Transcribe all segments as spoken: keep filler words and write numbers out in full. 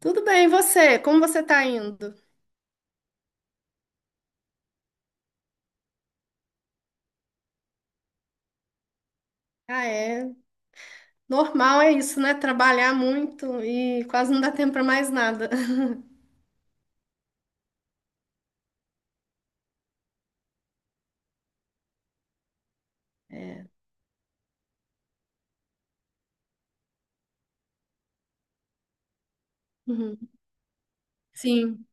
Tudo bem, e você? Como você tá indo? Ah, é. Normal é isso, né? Trabalhar muito e quase não dá tempo para mais nada. Uhum. Sim.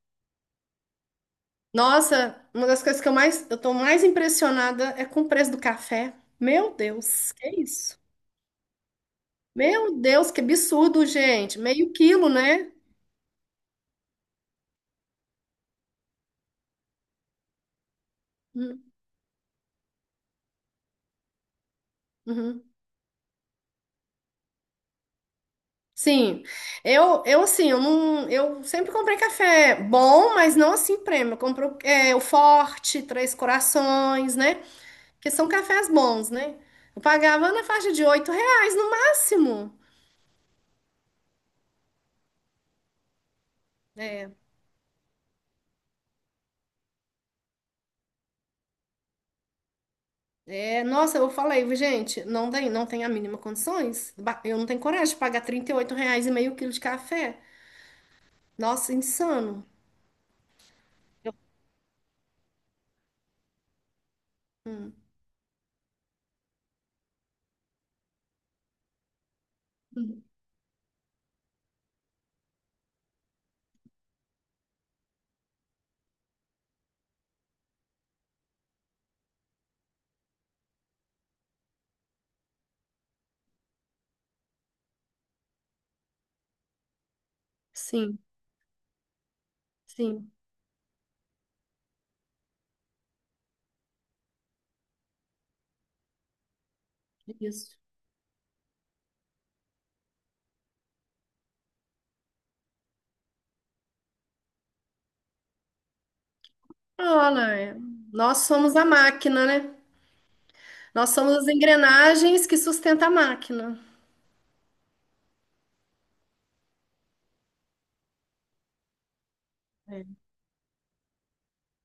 Nossa, uma das coisas que eu mais, eu tô mais impressionada é com o preço do café. Meu Deus, que isso? Meu Deus, que absurdo, gente. Meio quilo, né? Uhum. Uhum. Sim. Eu, eu assim, eu não, eu sempre comprei café bom, mas não assim prêmio. Eu compro é, o Forte, Três Corações, né? Porque são cafés bons, né? Eu pagava na faixa de oito reais no máximo. É, é, nossa, eu falei, gente, não tem, não tem a mínima condições. Ba- Eu não tenho coragem de pagar trinta e oito reais e meio quilo de café. Nossa, insano. Hum, sim, sim, isso. Olha, é, nós somos a máquina, né? Nós somos as engrenagens que sustentam a máquina. É.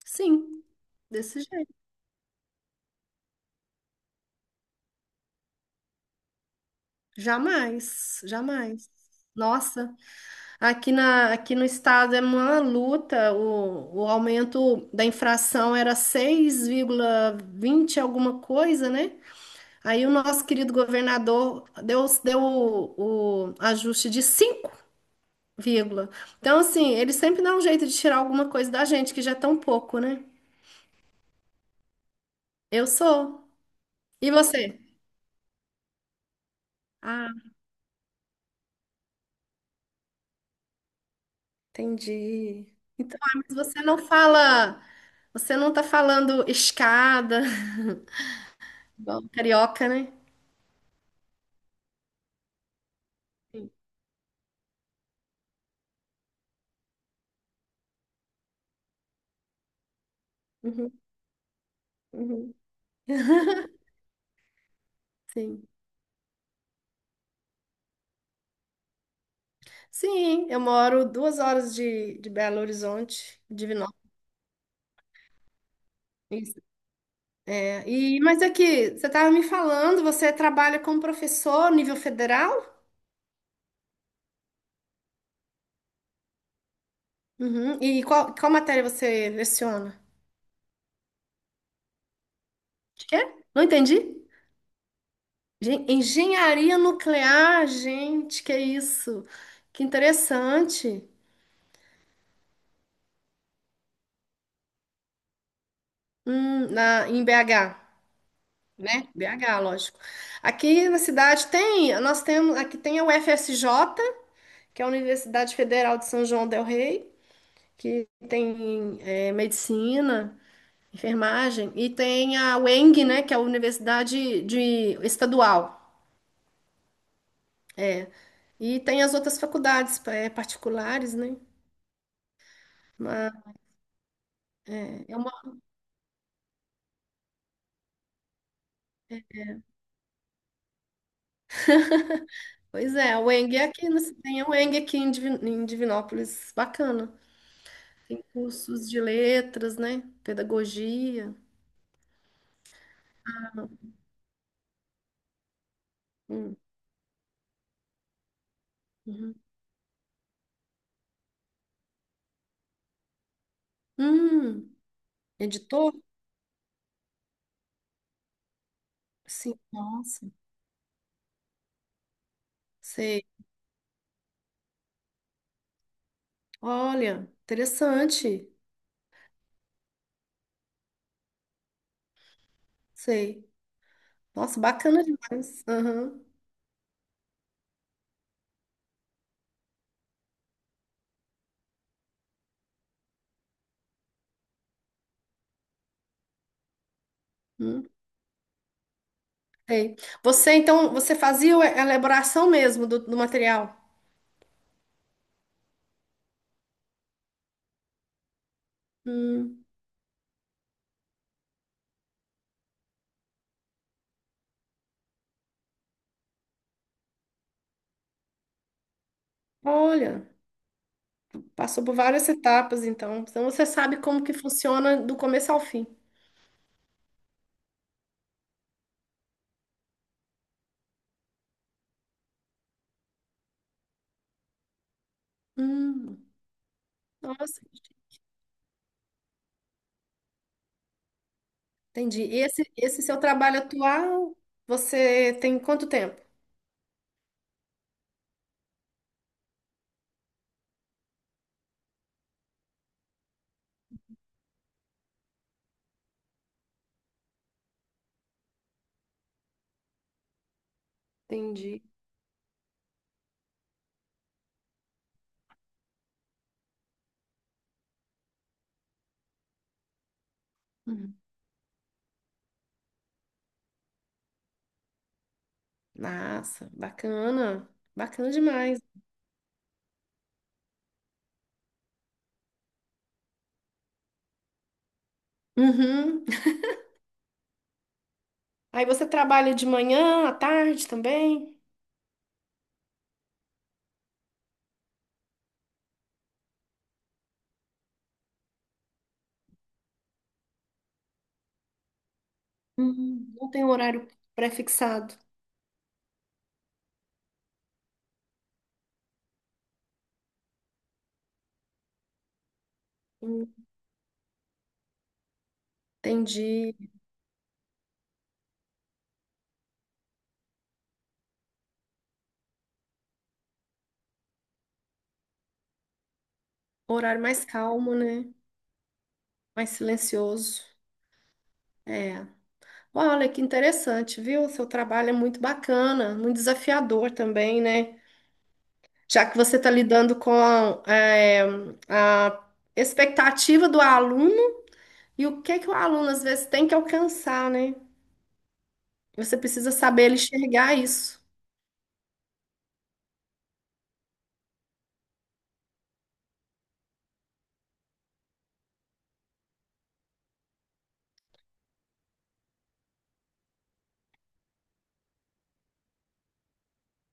Sim, desse jeito. Jamais, jamais. Nossa. Aqui, na, aqui no estado é uma luta, o, o aumento da infração era seis vírgula vinte alguma coisa, né? Aí o nosso querido governador deu, deu o, o ajuste de cinco vírgula. Então, assim, ele sempre dá um jeito de tirar alguma coisa da gente, que já é tão pouco, né? Eu sou. E você? Ah, entendi. Então, ah, mas você não fala, você não tá falando escada, igual carioca, né? Uhum, uhum. Sim. Sim, eu moro duas horas de, de Belo Horizonte, Divinópolis. É, e, mas aqui, você estava me falando, você trabalha como professor nível federal? Uhum. E qual, qual matéria você leciona? De quê? Não entendi. Gen- Engenharia nuclear, gente, que isso? Que interessante. Hum, na, em B H, né? B H, lógico. Aqui na cidade tem, nós temos, aqui tem a U F S J, que é a Universidade Federal de São João del Rei, que tem é, medicina, enfermagem, e tem a U E N G, né, que é a Universidade de, Estadual. E tem as outras faculdades é, particulares, né? Mas é uma, pois é, a U E N G é aqui, né, tem a U E N G aqui em Divi- em Divinópolis, bacana. Tem cursos de letras, né? Pedagogia. Hum, uhum. Hum, editor? Sim, nossa. Sei. Olha, interessante. Sei. Nossa, bacana demais. Aham. Hum, sei. Você, então, você fazia a elaboração mesmo do, do material? Hum, olha, passou por várias etapas, então. Então você sabe como que funciona do começo ao fim. Hum, nossa, entendi. E Esse, esse seu trabalho atual, você tem quanto tempo? Entendi. Uhum. Nossa, bacana. Bacana demais. Uhum. Aí você trabalha de manhã, à tarde também? Hum, não tem um horário pré-fixado. Hum, Entendi. Um horário mais calmo, né? Mais silencioso. É. Olha, que interessante, viu? O seu trabalho é muito bacana, muito desafiador também, né? Já que você está lidando com é, a expectativa do aluno e o que é que o aluno às vezes tem que alcançar, né? Você precisa saber enxergar isso.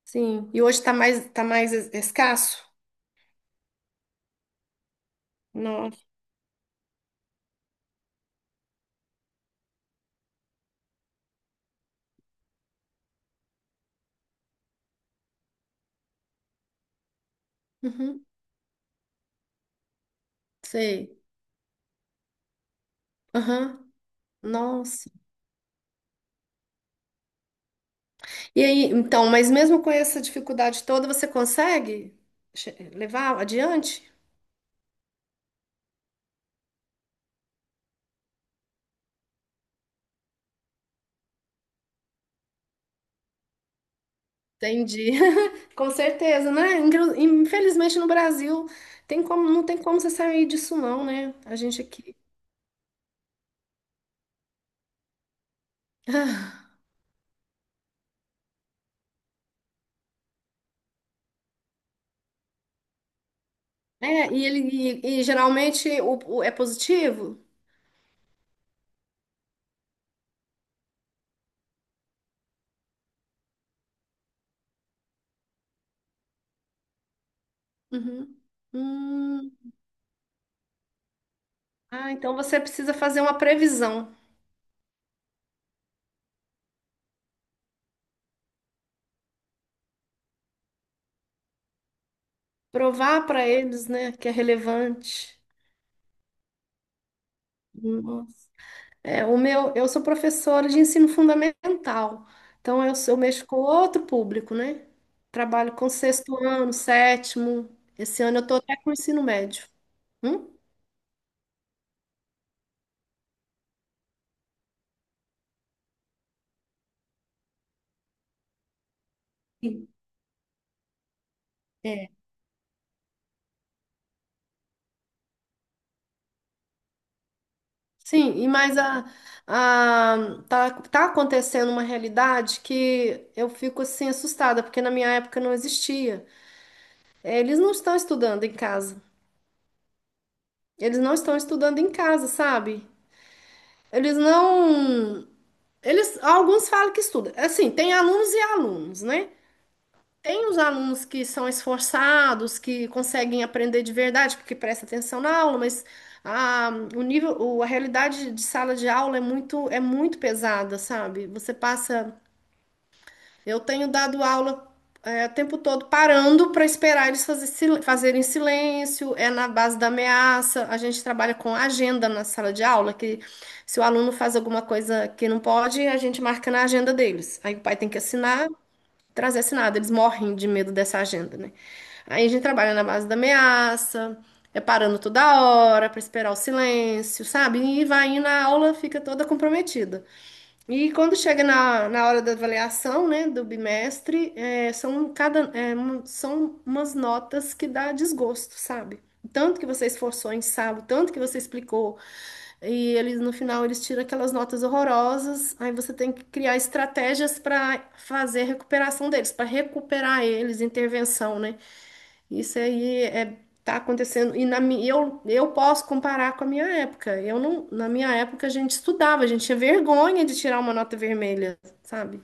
Sim. E hoje está mais, tá mais es- escasso? Nossa. Uhum. Sei. Aham. Nossa. E aí, então, mas mesmo com essa dificuldade toda, você consegue che- levar adiante? Entendi. Com certeza, né? Inclu- Infelizmente no Brasil tem como, não tem como você sair disso não, né? A gente aqui. É, e ele e, e geralmente o, o- é positivo? Uhum. Hum. Ah, então você precisa fazer uma previsão, provar para eles, né, que é relevante. É, o meu, eu sou professora de ensino fundamental, então eu, sou- eu mexo com outro público, né? Trabalho com sexto ano, sétimo. Esse ano eu estou até com o ensino médio. Hum? Sim. É. Sim, e mas a, a, tá, tá acontecendo uma realidade que eu fico assim assustada, porque na minha época não existia. É, eles não estão estudando em casa. Eles não estão estudando em casa, sabe? Eles não. Eles, alguns falam que estudam. Assim, tem alunos e alunos, né? Tem os alunos que são esforçados, que conseguem aprender de verdade, porque presta atenção na aula, mas a, o nível, o- a realidade de sala de aula é muito, é muito pesada, sabe? Você passa eu tenho dado aula é, o tempo todo parando para esperar eles fazer sil- fazerem silêncio, é na base da ameaça. A gente trabalha com agenda na sala de aula, que se o aluno faz alguma coisa que não pode, a gente marca na agenda deles. Aí o pai tem que assinar, trazer assinado. Eles morrem de medo dessa agenda, né? Aí a gente trabalha na base da ameaça, é parando toda hora para esperar o silêncio, sabe? E vai indo, a aula fica toda comprometida. E quando chega na, na hora da avaliação, né, do bimestre, é, são cada, é, um- são umas notas que dá desgosto, sabe? O tanto que você esforçou em sala, o tanto que você explicou, e eles no final eles tiram aquelas notas horrorosas, aí você tem que criar estratégias para fazer a recuperação deles, para recuperar eles, intervenção, né? Isso aí é, tá acontecendo. E na, mi- eu, eu posso comparar com a minha época. Eu não, na minha época a gente estudava, a gente tinha vergonha de tirar uma nota vermelha, sabe?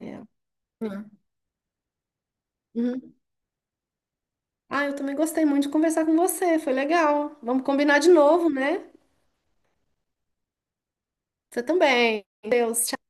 É. Hum. Uhum. Ah, eu também gostei muito de conversar com você, foi legal. Vamos combinar de novo, né? Você também. Deus, tchau.